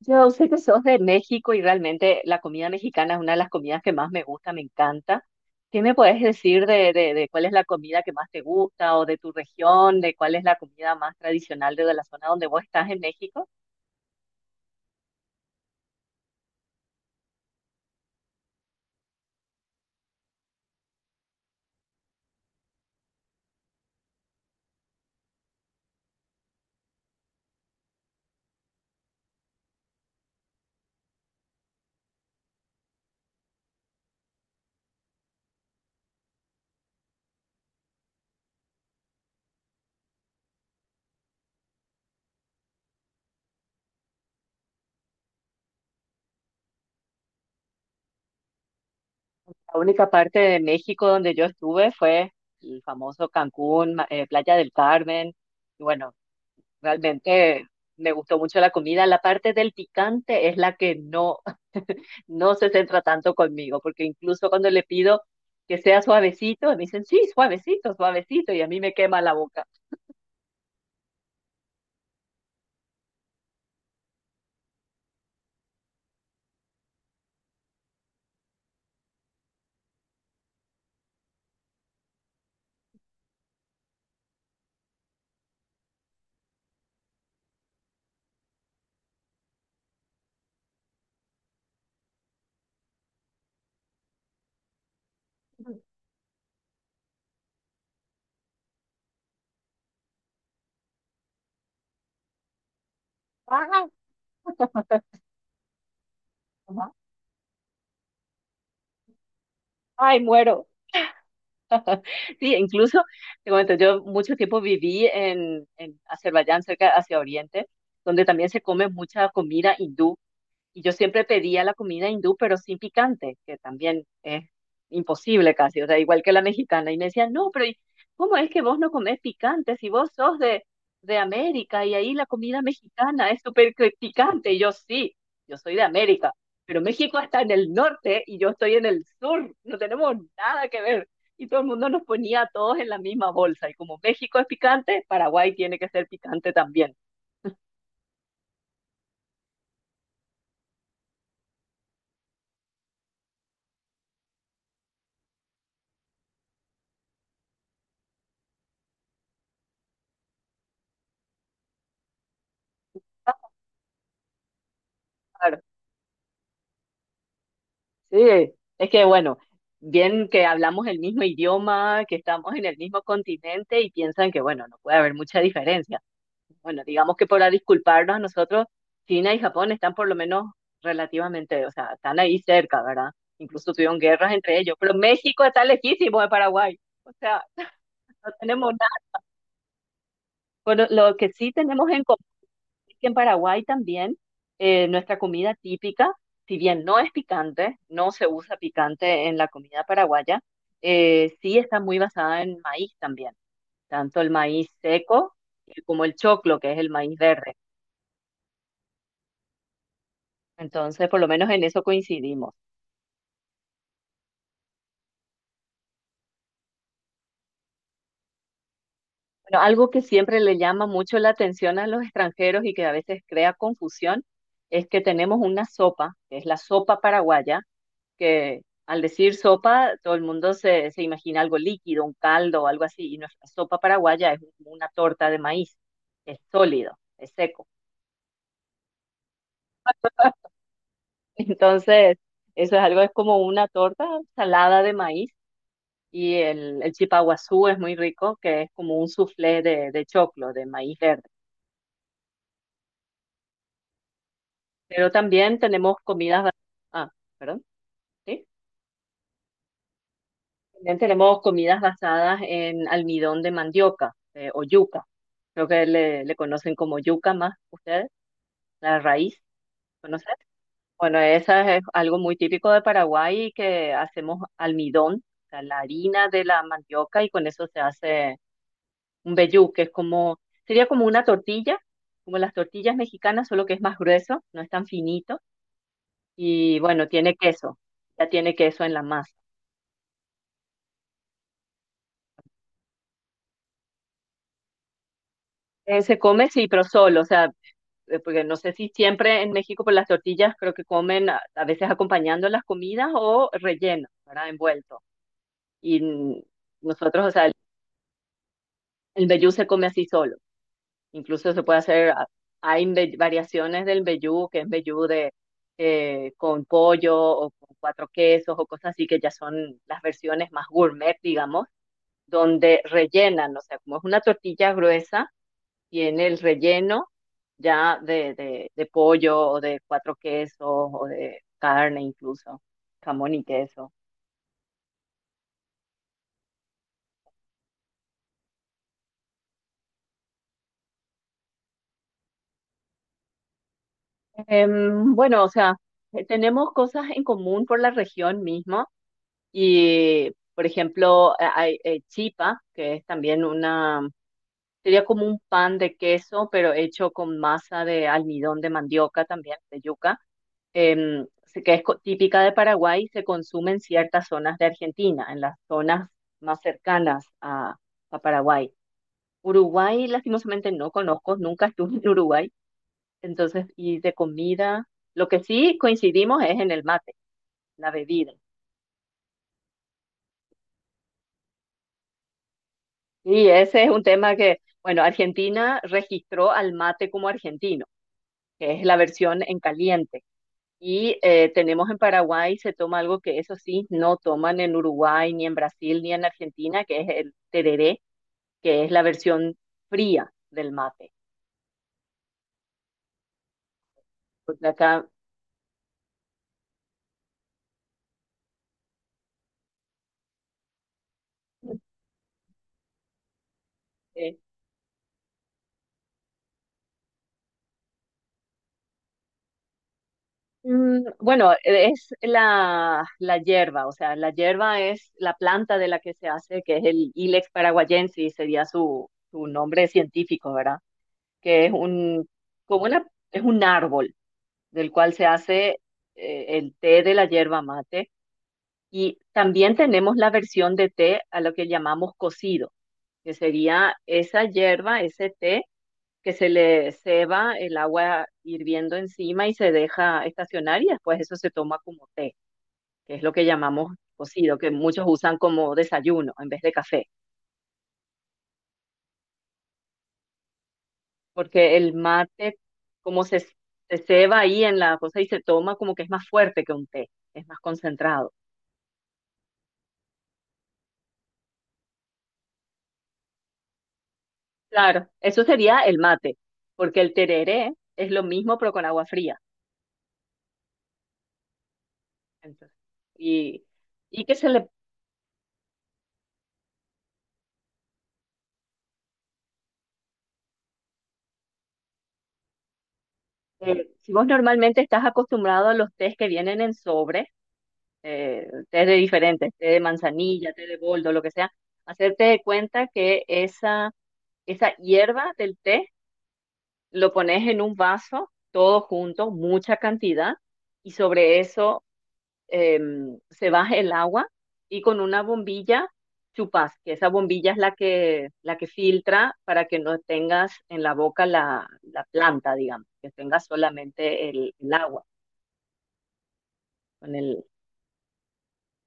Yo sé que sos de México y realmente la comida mexicana es una de las comidas que más me gusta, me encanta. ¿Qué me puedes decir de cuál es la comida que más te gusta o de tu región, de cuál es la comida más tradicional de la zona donde vos estás en México? La única parte de México donde yo estuve fue el famoso Cancún, Playa del Carmen. Y bueno, realmente me gustó mucho la comida. La parte del picante es la que no se centra tanto conmigo, porque incluso cuando le pido que sea suavecito, me dicen, sí, suavecito, suavecito, y a mí me quema la boca. ¡Ah! Ajá. Ay, muero. Sí, incluso, te comento, yo mucho tiempo viví en Azerbaiyán, cerca hacia Oriente, donde también se come mucha comida hindú. Y yo siempre pedía la comida hindú, pero sin picante, que también es imposible casi, o sea, igual que la mexicana. Y me decían, no, pero ¿cómo es que vos no comés picante si vos sos de América y ahí la comida mexicana es súper picante? Y yo sí, yo soy de América, pero México está en el norte y yo estoy en el sur, no tenemos nada que ver. Y todo el mundo nos ponía a todos en la misma bolsa. Y como México es picante, Paraguay tiene que ser picante también. Sí, es que bueno, bien que hablamos el mismo idioma, que estamos en el mismo continente y piensan que bueno, no puede haber mucha diferencia. Bueno, digamos que para disculparnos a nosotros, China y Japón están por lo menos relativamente, o sea, están ahí cerca, ¿verdad? Incluso tuvieron guerras entre ellos, pero México está lejísimo de Paraguay. O sea, no tenemos nada. Pero lo que sí tenemos en común es que en Paraguay también nuestra comida típica, si bien no es picante, no se usa picante en la comida paraguaya, sí está muy basada en maíz también, tanto el maíz seco como el choclo, que es el maíz verde. Entonces, por lo menos en eso coincidimos. Bueno, algo que siempre le llama mucho la atención a los extranjeros y que a veces crea confusión es que tenemos una sopa, que es la sopa paraguaya, que al decir sopa, todo el mundo se imagina algo líquido, un caldo o algo así, y nuestra sopa paraguaya es como una torta de maíz, es sólido, es seco. Entonces, eso es algo, es como una torta salada de maíz, y el chipaguazú es muy rico, que es como un soufflé de choclo, de maíz verde. Pero también tenemos Ah, perdón, ¿sí? También tenemos comidas basadas en almidón de mandioca, o yuca. Creo que le conocen como yuca más ustedes, la raíz, ¿conocen? Bueno, esa es algo muy típico de Paraguay, que hacemos almidón, o sea, la harina de la mandioca, y con eso se hace un vellú, que es como, sería como una tortilla, como las tortillas mexicanas, solo que es más grueso, no es tan finito, y bueno, tiene queso, ya tiene queso en la masa. Se come, sí, pero solo, o sea, porque no sé si siempre en México por las tortillas creo que comen a veces acompañando las comidas o relleno, ¿verdad? Envuelto. Y nosotros, o sea, el mbejú se come así solo. Incluso se puede hacer, hay variaciones del mbejú, que es mbejú de, con pollo o con cuatro quesos o cosas así, que ya son las versiones más gourmet, digamos, donde rellenan, o sea, como es una tortilla gruesa y en el relleno ya de pollo o de cuatro quesos o de carne incluso, jamón y queso. Bueno, o sea, tenemos cosas en común por la región misma y, por ejemplo, hay chipa, que es también una, sería como un pan de queso, pero hecho con masa de almidón de mandioca también, de yuca. Que es típica de Paraguay, se consume en ciertas zonas de Argentina, en las zonas más cercanas a Paraguay. Uruguay, lastimosamente, no conozco, nunca estuve en Uruguay, entonces, y de comida, lo que sí coincidimos es en el mate, la bebida. Y ese es un tema que, bueno, Argentina registró al mate como argentino, que es la versión en caliente. Y tenemos en Paraguay, se toma algo que eso sí, no toman en Uruguay, ni en Brasil, ni en Argentina, que es el tereré, que es la versión fría del mate. Porque acá, eh, bueno, es la hierba, o sea, la hierba es la planta de la que se hace, que es el Ilex paraguayensis, sería su nombre científico, ¿verdad? Que es un, como una, es un árbol del cual se hace el té de la hierba mate. Y también tenemos la versión de té a lo que llamamos cocido, que sería esa hierba, ese té, que se le ceba el agua hirviendo encima y se deja estacionar y después eso se toma como té, que es lo que llamamos cocido, que muchos usan como desayuno en vez de café, porque el mate, como se ceba ahí en la cosa y se toma, como que es más fuerte que un té, es más concentrado. Claro, eso sería el mate, porque el tereré es lo mismo pero con agua fría. Entonces, y, y que se le, si vos normalmente estás acostumbrado a los tés que vienen en sobre, tés de diferentes, té de manzanilla, té de boldo, lo que sea, hacerte de cuenta que esa hierba del té, lo pones en un vaso, todo junto, mucha cantidad, y sobre eso eh, se baja el agua y con una bombilla chupas, que esa bombilla es la que filtra para que no tengas en la boca la planta, digamos, que tengas solamente el agua. Con el,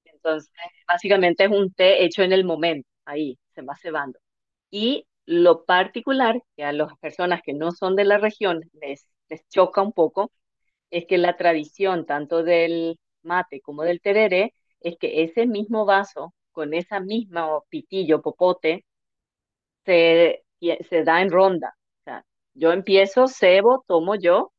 entonces, básicamente es un té hecho en el momento, ahí se va cebando. Y lo particular que a las personas que no son de la región les choca un poco es que la tradición tanto del mate como del tereré es que ese mismo vaso con esa misma pitillo, popote, se, se da en ronda. O sea, yo empiezo, cebo, tomo yo,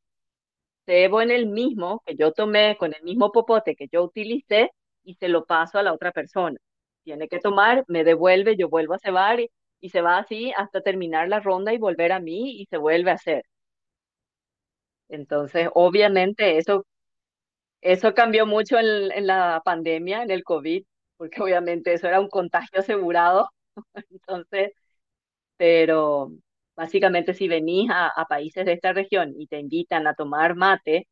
cebo en el mismo que yo tomé, con el mismo popote que yo utilicé y se lo paso a la otra persona. Tiene que tomar, me devuelve, yo vuelvo a cebar y se va así hasta terminar la ronda y volver a mí y se vuelve a hacer. Entonces, obviamente eso, eso cambió mucho en la pandemia, en el COVID, porque obviamente eso era un contagio asegurado. Entonces, pero básicamente si venís a países de esta región y te invitan a tomar mate,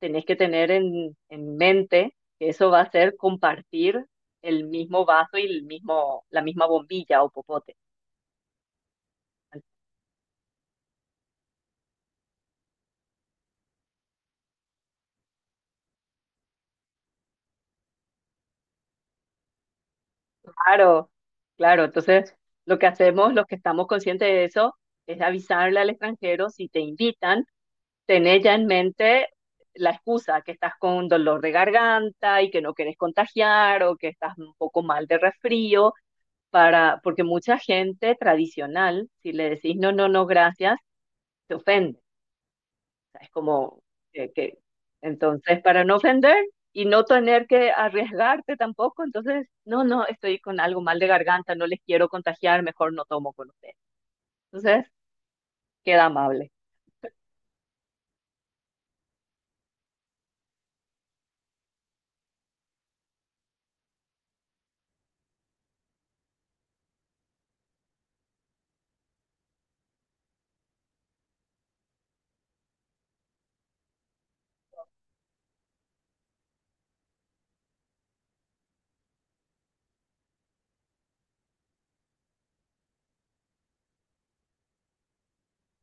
tenés que tener en mente que eso va a ser compartir el mismo vaso y el mismo, la misma bombilla o popote. Claro, claro. Entonces, lo que hacemos, los que estamos conscientes de eso, es avisarle al extranjero si te invitan tener ya en mente la excusa que estás con dolor de garganta y que no quieres contagiar o que estás un poco mal de resfrío, para, porque mucha gente tradicional, si le decís no, no, no, gracias, se ofende. O sea, es como eh, que, entonces, para no ofender y no tener que arriesgarte tampoco, entonces, no, no, estoy con algo mal de garganta, no les quiero contagiar, mejor no tomo con ustedes. Entonces, queda amable.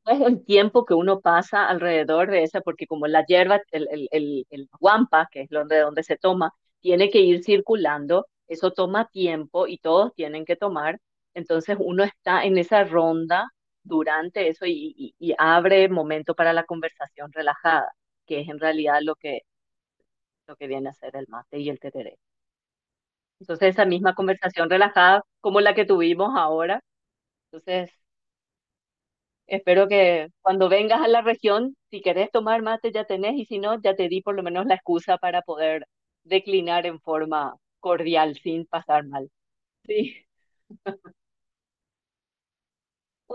Es el tiempo que uno pasa alrededor de esa, porque como la hierba, el guampa, que es donde, donde se toma, tiene que ir circulando, eso toma tiempo y todos tienen que tomar, entonces uno está en esa ronda durante eso y, y abre momento para la conversación relajada, que es en realidad lo que viene a ser el mate y el tereré. Entonces esa misma conversación relajada como la que tuvimos ahora, entonces espero que cuando vengas a la región, si querés tomar mate ya tenés y si no, ya te di por lo menos la excusa para poder declinar en forma cordial sin pasar mal. Sí,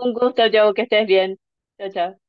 un gusto, Joe, que estés bien. Chao, chao.